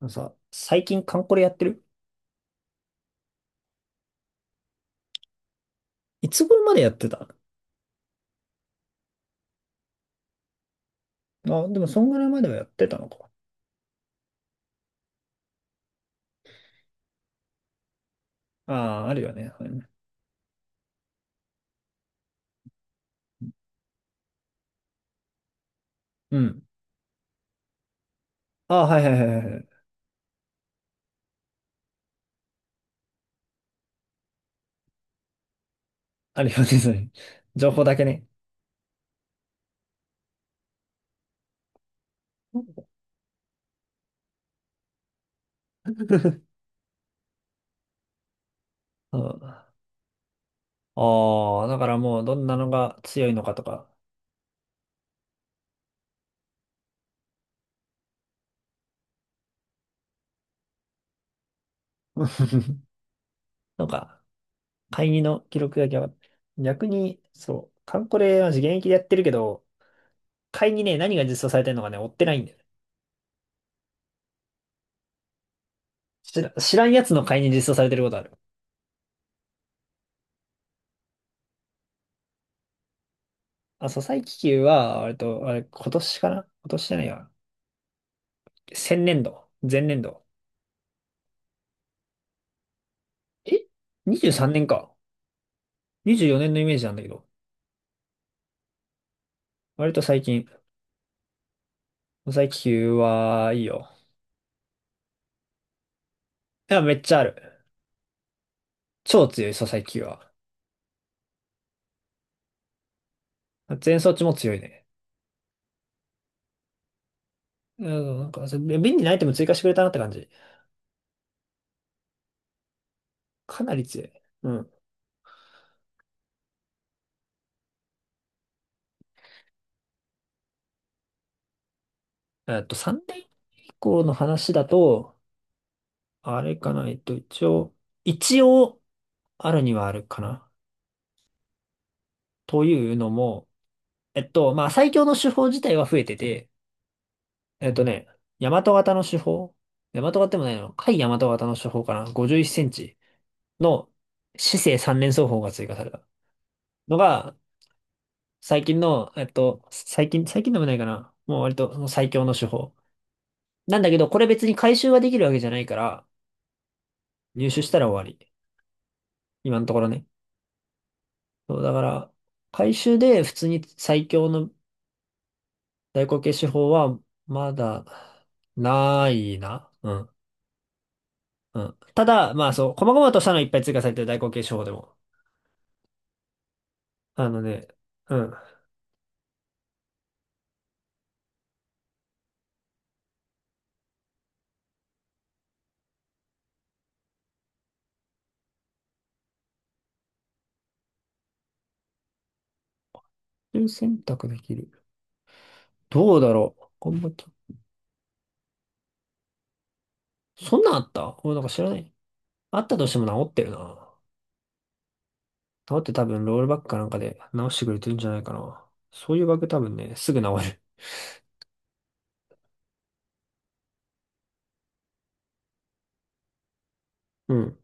あのさ、最近カンコレやってる？いつ頃までやってた？あ、でもそんぐらいまではやってたのか。ああ、あるよね。それね。うん。ああ、はいはいはいはいはい。あるよね、それ。情報だけね。うん。ああ、だからもうどんなのが強いのかとか。なんか、会議の記録だけは、逆に、そう、カンコレは現役でやってるけど、会議ね、何が実装されてるのかね、追ってないんだよね。知らんやつの会議に実装されてることある。あ、そう最気球は、割と、あれ、今年かな。今年じゃないや。先年度。前年度。え？ 23 年か。24年のイメージなんだけど。割と最近、最気球は、いいよ。いや、めっちゃある。超強い、そう最気球は。全装置も強いね。うん、なんか、そう便利なアイテム追加してくれたなって感じ。かなり強い。うん。3年以降の話だと、あれかな、一応、あるにはあるかな。というのも、まあ、最強の手法自体は増えてて、えっとね、大和型の手法、大和型でもないの甲斐大和型の手法かな？ 51 センチの姿勢三連奏法が追加されたのが、最近の、最近、最近でもないかな。もう割とその最強の手法。なんだけど、これ別に回収ができるわけじゃないから、入手したら終わり。今のところね。そう、だから、回収で普通に最強の大口径手法は、まだ、ないな。うん。うん。ただ、まあそう、細々としたのいっぱい追加されてる代行形手法でも。あのね、うん。途中選択できる。どうだろう。コンボと、そんなんあった？俺なんか知らない。あったとしても治ってるな。治って多分ロールバックかなんかで直してくれてるんじゃないかな。そういうバグ多分ね、すぐ治る。うん。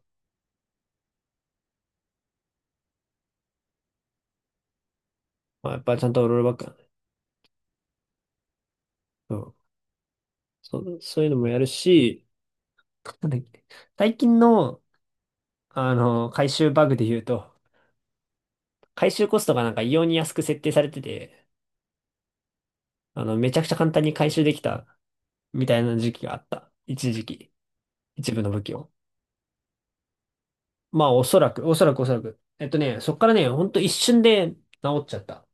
まあ、やっぱりちゃんとロールバックだね。うん。そう、そういうのもやるし、なんだっけ、最近の、あの、回収バグで言うと、回収コストがなんか異様に安く設定されてて、あの、めちゃくちゃ簡単に回収できたみたいな時期があった。一時期。一部の武器を。まあ、おそらく、おそらくおそらく。そっからね、ほんと一瞬で治っちゃった。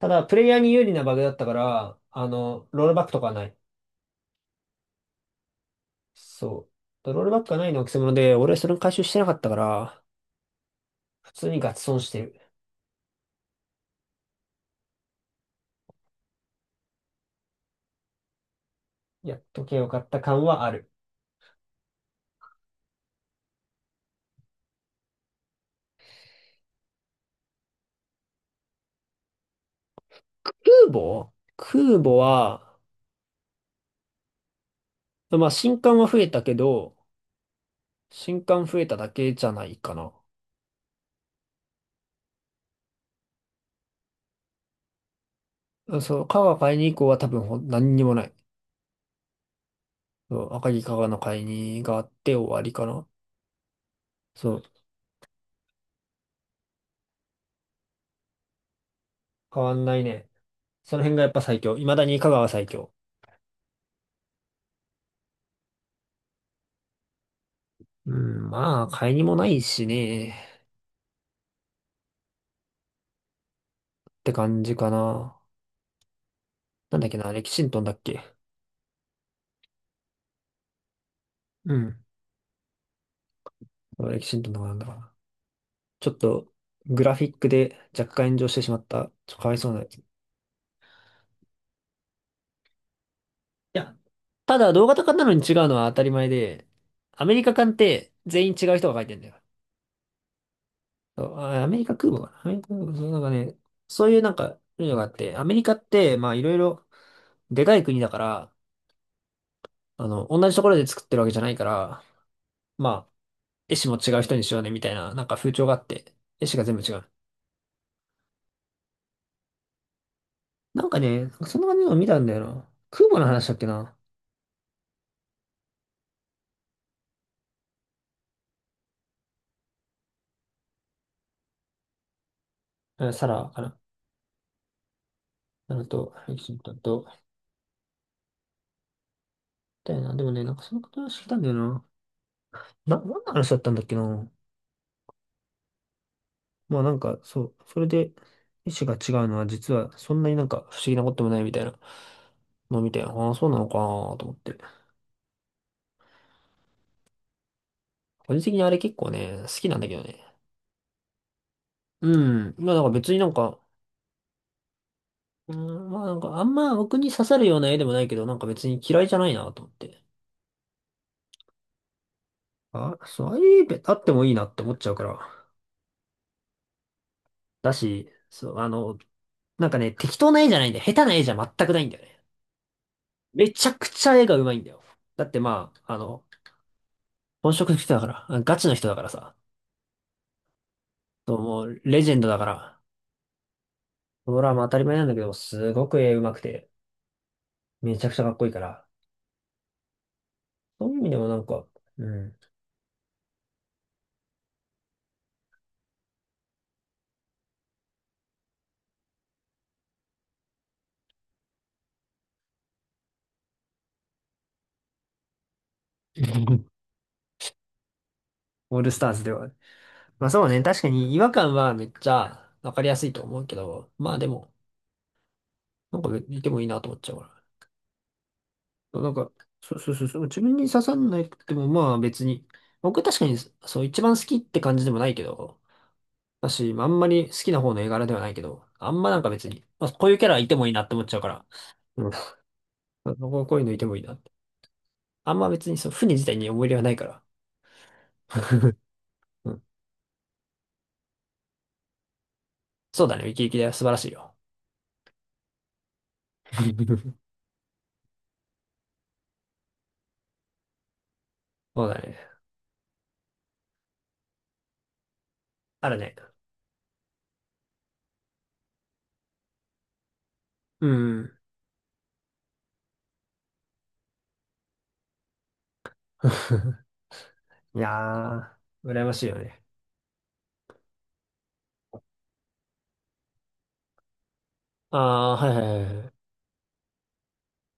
ただ、プレイヤーに有利なバグだったから、あの、ロールバックとかはない。そう。ロールバックがないのはくせ者で、俺はそれを回収してなかったから、普通にガチ損してる。やっとけよかった感はある。空母空母は、まあ、新刊は増えたけど、新刊増えただけじゃないかな。そう、川が買いに行こうは多分ほん何にもない。そう、赤城香川の会にがあって終わりかな。そう、変わんないね。その辺がやっぱ最強。未だに香川最強。うん、まあ、買いにもないしね。って感じかな。なんだっけな、レキシントンだっけ。うん。レキシントンとかなんだかな。ちょっと、グラフィックで若干炎上してしまった。ちょっとかわいそうなやつ。いや、ただ動画とかなのに違うのは当たり前で、アメリカ館って全員違う人が書いてんだよ。そうあアメリカ空母かな。アメリカ空母、そうなんかね、そういうなんか、いうのがあって、アメリカって、まあいろいろ、でかい国だから、あの、同じところで作ってるわけじゃないから、まあ、絵師も違う人にしようね、みたいな、なんか風潮があって、絵師が全部違う。なんかね、そんな感じのを見たんだよな。空母の話だっけな。うん、サラかな。あのと、エキシントンと、みたいな。でもね、なんかそのこと話聞いたんだよな。何の話だったんだっけな。まあなんか、そう、それで、意思が違うのは実はそんなになんか不思議なこともないみたいなのを見て、ああ、そうなのかなと思って。個人的にあれ結構ね、好きなんだけどね。うん。まあなんか別になんか、うん、まあなんかあんま僕に刺さるような絵でもないけど、なんか別に嫌いじゃないなと思って。あ、そう、ああいう絵あってもいいなって思っちゃうから。だし、そう、あの、なんかね、適当な絵じゃないんだよ。下手な絵じゃ全くないんだよね。めちゃくちゃ絵が上手いんだよ。だってまあ、あの、本職の人だから、ガチの人だからさ。そう、もう、レジェンドだから。ドラマ当たり前なんだけど、すごく絵上手くて、めちゃくちゃかっこいいから。そういう意味でもなんか、うん。オールスターズでは。まあそうね、確かに違和感はめっちゃわかりやすいと思うけど、まあでも、なんかいてもいいなと思っちゃうから。なんか、そうそうそう、そう自分に刺さんないってもまあ別に、僕確かにそう一番好きって感じでもないけど、だし、まあんまり好きな方の絵柄ではないけど、あんまなんか別に、まあ、こういうキャラいてもいいなって思っちゃうから、うん、こういうのいてもいいなって。あんま別にその船自体に思い入れはないから。うん。そうだね。ウキウキだよ。素晴らしいよ。そうだね。あるね。うん。いやー、羨ましいよね。あー、はいはいはいはい。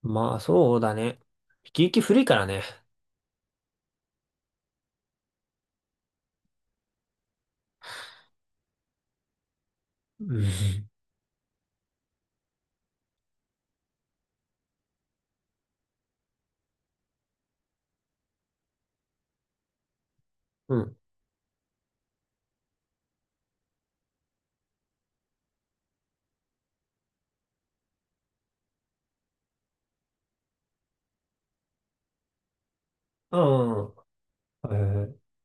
まあ、そうだね。ウキウキ古いからね。うん。うん。うんうんうん。はいはいはい。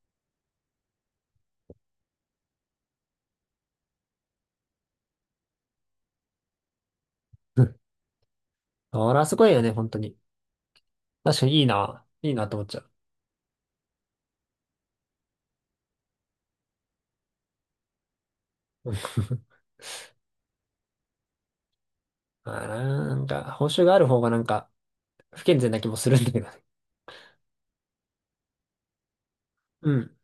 うん、あら、すごいよね、本当に。確かにいいな。いいなと思っちゃう。うん。 あー、なんか、報酬がある方がなんか、不健全な気もするんだけどね。うん。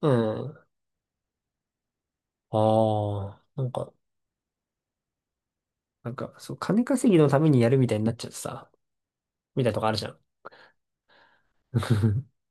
うん。ああ、なんか、そう、金稼ぎのためにやるみたいになっちゃってさ、みたいなとこあるじゃん。